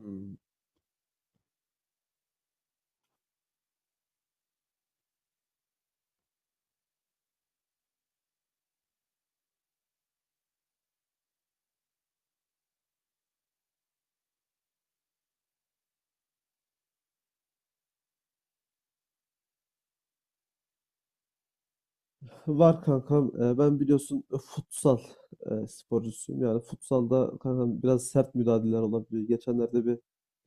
Hmm. Var kankam. Ben biliyorsun futsal sporcusuyum. Yani futsalda kankam biraz sert müdahaleler olabiliyor. Geçenlerde bir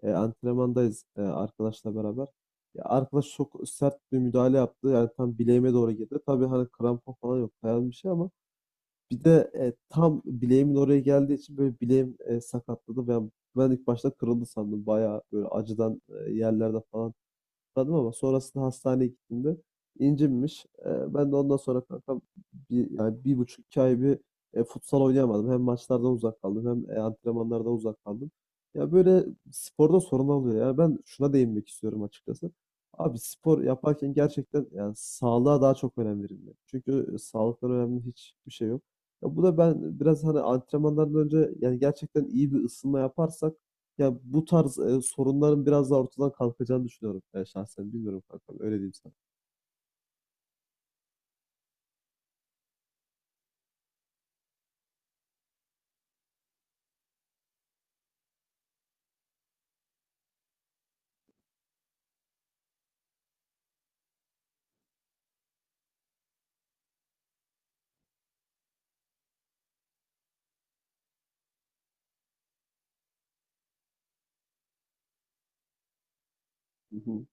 antrenmandayız, arkadaşla beraber. Ya arkadaş çok sert bir müdahale yaptı. Yani tam bileğime doğru girdi. Tabii hani krampon falan yok. Dayan bir şey ama bir de tam bileğimin oraya geldiği için böyle bileğim sakatladı. Ben ilk başta kırıldı sandım. Bayağı böyle acıdan yerlerde falan anladım, ama sonrasında hastaneye gittiğimde incinmiş. Ben de ondan sonra kankam yani bir buçuk iki ay bir futsal oynayamadım. Hem maçlardan uzak kaldım hem antrenmanlardan uzak kaldım. Ya böyle sporda sorun oluyor. Yani ben şuna değinmek istiyorum açıkçası. Abi spor yaparken gerçekten yani sağlığa daha çok önem verilmeli. Çünkü sağlıktan önemli hiçbir şey yok. Ya bu da ben biraz hani antrenmanlardan önce yani gerçekten iyi bir ısınma yaparsak ya bu tarz sorunların biraz daha ortadan kalkacağını düşünüyorum ben şahsen. Bilmiyorum kankam. Öyle diyeyim sana. Hı hı.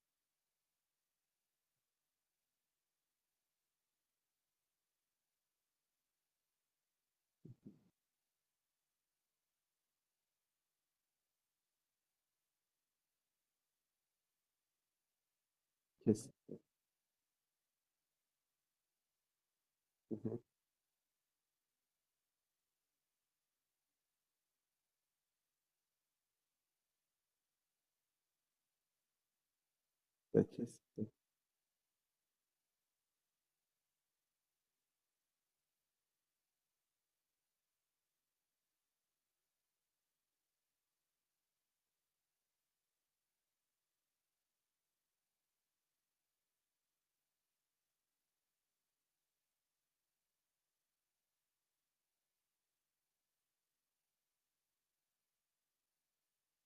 Kes. Hı hı. Ya kes.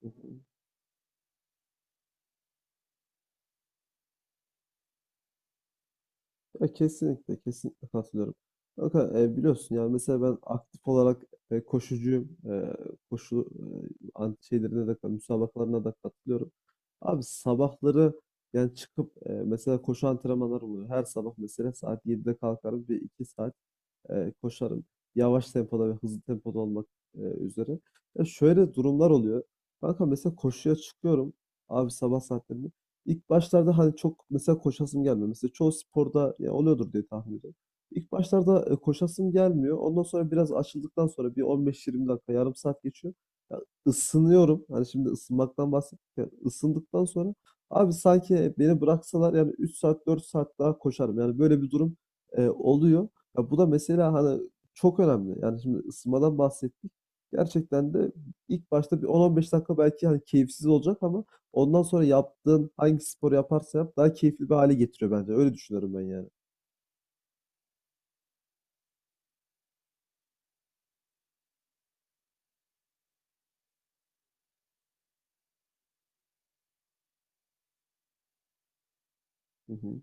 Hı hı. Ya kesinlikle, kesinlikle katılıyorum. Fakat biliyorsun yani mesela ben aktif olarak koşucuyum. Koşu şeylerine de, müsabakalarına da katılıyorum. Abi sabahları yani çıkıp mesela koşu antrenmanları oluyor. Her sabah mesela saat 7'de kalkarım ve 2 saat koşarım. Yavaş tempoda ve hızlı tempoda olmak üzere. Ya şöyle durumlar oluyor. Kanka mesela koşuya çıkıyorum abi sabah saatlerinde. İlk başlarda hani çok mesela koşasım gelmiyor. Mesela çoğu sporda ya oluyordur diye tahmin ediyorum. İlk başlarda koşasım gelmiyor. Ondan sonra biraz açıldıktan sonra bir 15-20 dakika, yarım saat geçiyor. Ya ısınıyorum. Hani şimdi ısınmaktan bahsettik ya. Isındıktan sonra abi sanki beni bıraksalar yani 3 saat 4 saat daha koşarım. Yani böyle bir durum oluyor. Ya bu da mesela hani çok önemli. Yani şimdi ısınmadan bahsettik. Gerçekten de ilk başta bir 10-15 dakika belki hani keyifsiz olacak ama ondan sonra yaptığın hangi sporu yaparsa yap daha keyifli bir hale getiriyor bence. Öyle düşünüyorum ben yani. Hı hı,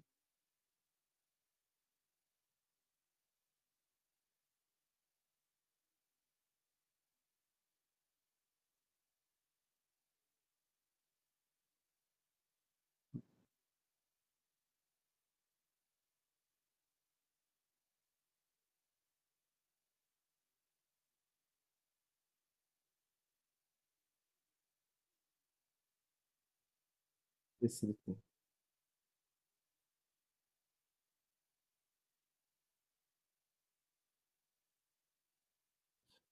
kesinlikle.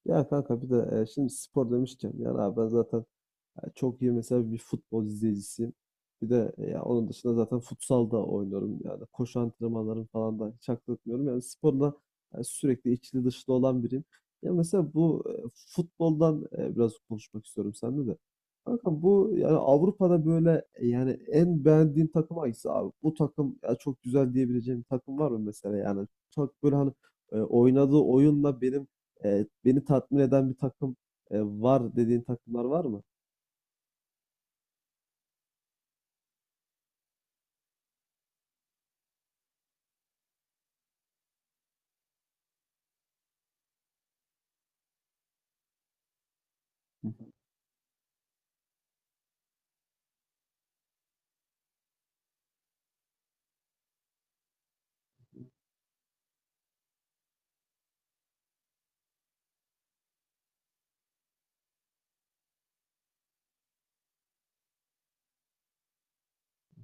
Ya kanka bir de şimdi spor demişken yani abi ben zaten yani çok iyi mesela bir futbol izleyicisiyim. Bir de ya onun dışında zaten futsal da oynuyorum. Yani koşu antrenmanlarım falan da hiç aklatmıyorum. Yani sporla yani sürekli içli dışlı olan biriyim. Ya mesela bu futboldan biraz konuşmak istiyorum seninle de. Kanka bu yani Avrupa'da böyle yani en beğendiğin takım hangisi abi? Bu takım ya çok güzel diyebileceğim bir takım var mı mesela yani? Çok böyle hani oynadığı oyunla benim beni tatmin eden bir takım var dediğin takımlar var mı? Hı.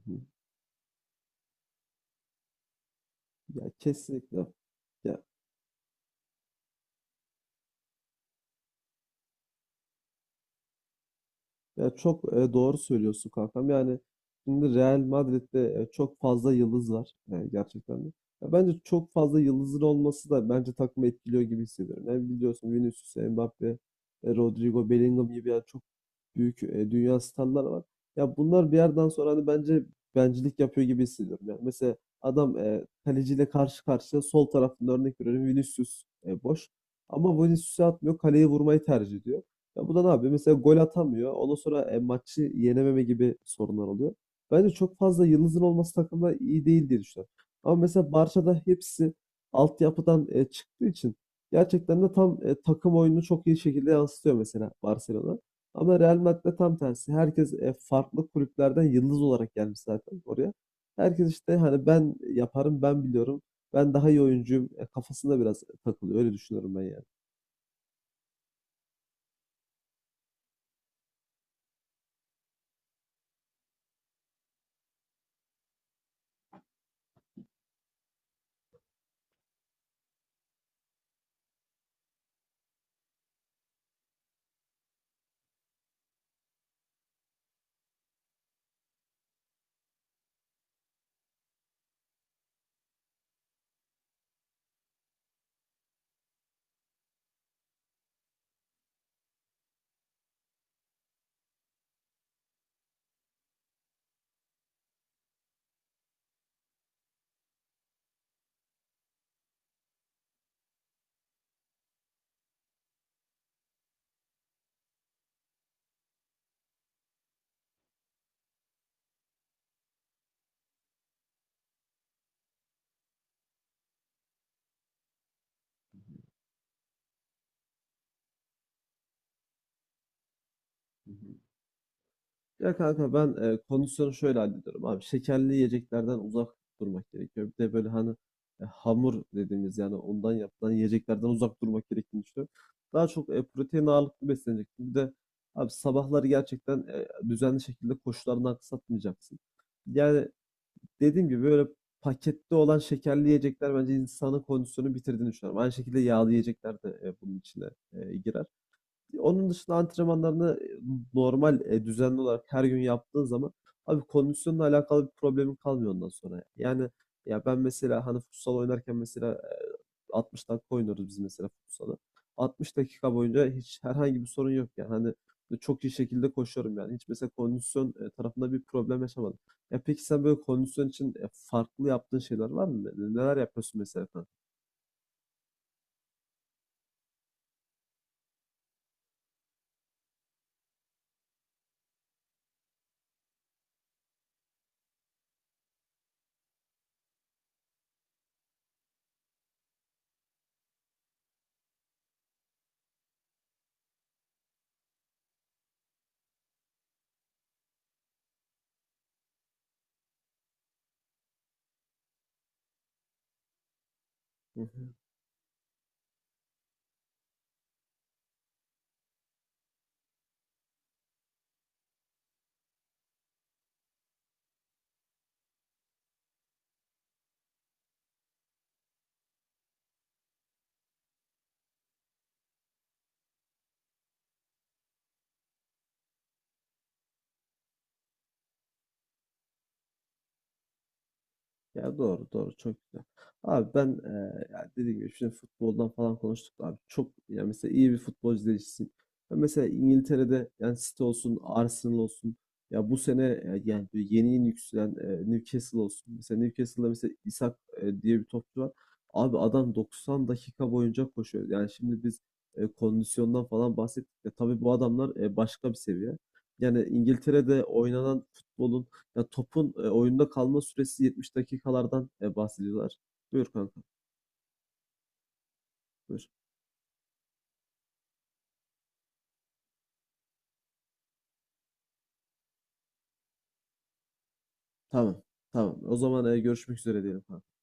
Hı. Ya kesinlikle. Ya ya çok doğru söylüyorsun kankam. Yani şimdi Real Madrid'de çok fazla yıldız var. Yani gerçekten de. Ya bence çok fazla yıldızın olması da bence takımı etkiliyor gibi hissediyorum. Yani biliyorsun Vinicius, Mbappe, Rodrigo, Bellingham gibi yani çok büyük dünya starları var. Ya bunlar bir yerden sonra hani bence bencilik yapıyor gibi hissediyorum. Yani mesela adam kaleciyle karşı karşıya sol tarafında örnek veriyorum Vinicius boş. Ama Vinicius'u atmıyor, kaleye vurmayı tercih ediyor. Ya bu da ne yapıyor? Mesela gol atamıyor. Ondan sonra maçı yenememe gibi sorunlar oluyor. Bence çok fazla yıldızın olması takımda iyi değil diye düşünüyorum. Ama mesela Barça'da hepsi altyapıdan çıktığı için gerçekten de tam takım oyununu çok iyi şekilde yansıtıyor mesela Barcelona. Ama Real Madrid'de tam tersi. Herkes farklı kulüplerden yıldız olarak gelmiş zaten oraya. Herkes işte hani ben yaparım, ben biliyorum, ben daha iyi oyuncuyum kafasında biraz takılıyor. Öyle düşünüyorum ben yani. Hı hı. Ya kanka ben kondisyonu şöyle hallediyorum abi. Şekerli yiyeceklerden uzak durmak gerekiyor. Bir de böyle hani hamur dediğimiz yani ondan yapılan yiyeceklerden uzak durmak gerektiğini düşünüyorum. Daha çok protein ağırlıklı besleneceksin. Bir de abi sabahları gerçekten düzenli şekilde koşularından kısaltmayacaksın. Yani dediğim gibi böyle pakette olan şekerli yiyecekler bence insanın kondisyonunu bitirdiğini düşünüyorum. Aynı şekilde yağlı yiyecekler de bunun içine girer. Onun dışında antrenmanlarını normal, düzenli olarak her gün yaptığın zaman abi kondisyonla alakalı bir problemin kalmıyor ondan sonra. Yani ya ben mesela hani futsal oynarken mesela 60 dakika oynuyoruz biz mesela futsalı. 60 dakika boyunca hiç herhangi bir sorun yok yani. Hani çok iyi şekilde koşuyorum yani. Hiç mesela kondisyon tarafında bir problem yaşamadım. Ya peki sen böyle kondisyon için farklı yaptığın şeyler var mı? Neler yapıyorsun mesela sen? Hı hı. Ya doğru doğru çok güzel. Abi ben ya dediğim gibi şimdi futboldan falan konuştuk abi. Çok ya mesela iyi bir futbolcu değişsin. Ben mesela İngiltere'de yani City olsun, Arsenal olsun. Ya bu sene yani böyle yeni yeni yükselen Newcastle olsun. Mesela Newcastle'da mesela Isak diye bir topçu var. Abi adam 90 dakika boyunca koşuyor. Yani şimdi biz kondisyondan falan bahsettik de tabii bu adamlar başka bir seviye. Yani İngiltere'de oynanan futbolun ya topun oyunda kalma süresi 70 dakikalardan bahsediyorlar. Buyur kanka. Buyur. Tamam. Tamam. O zaman görüşmek üzere diyelim kanka.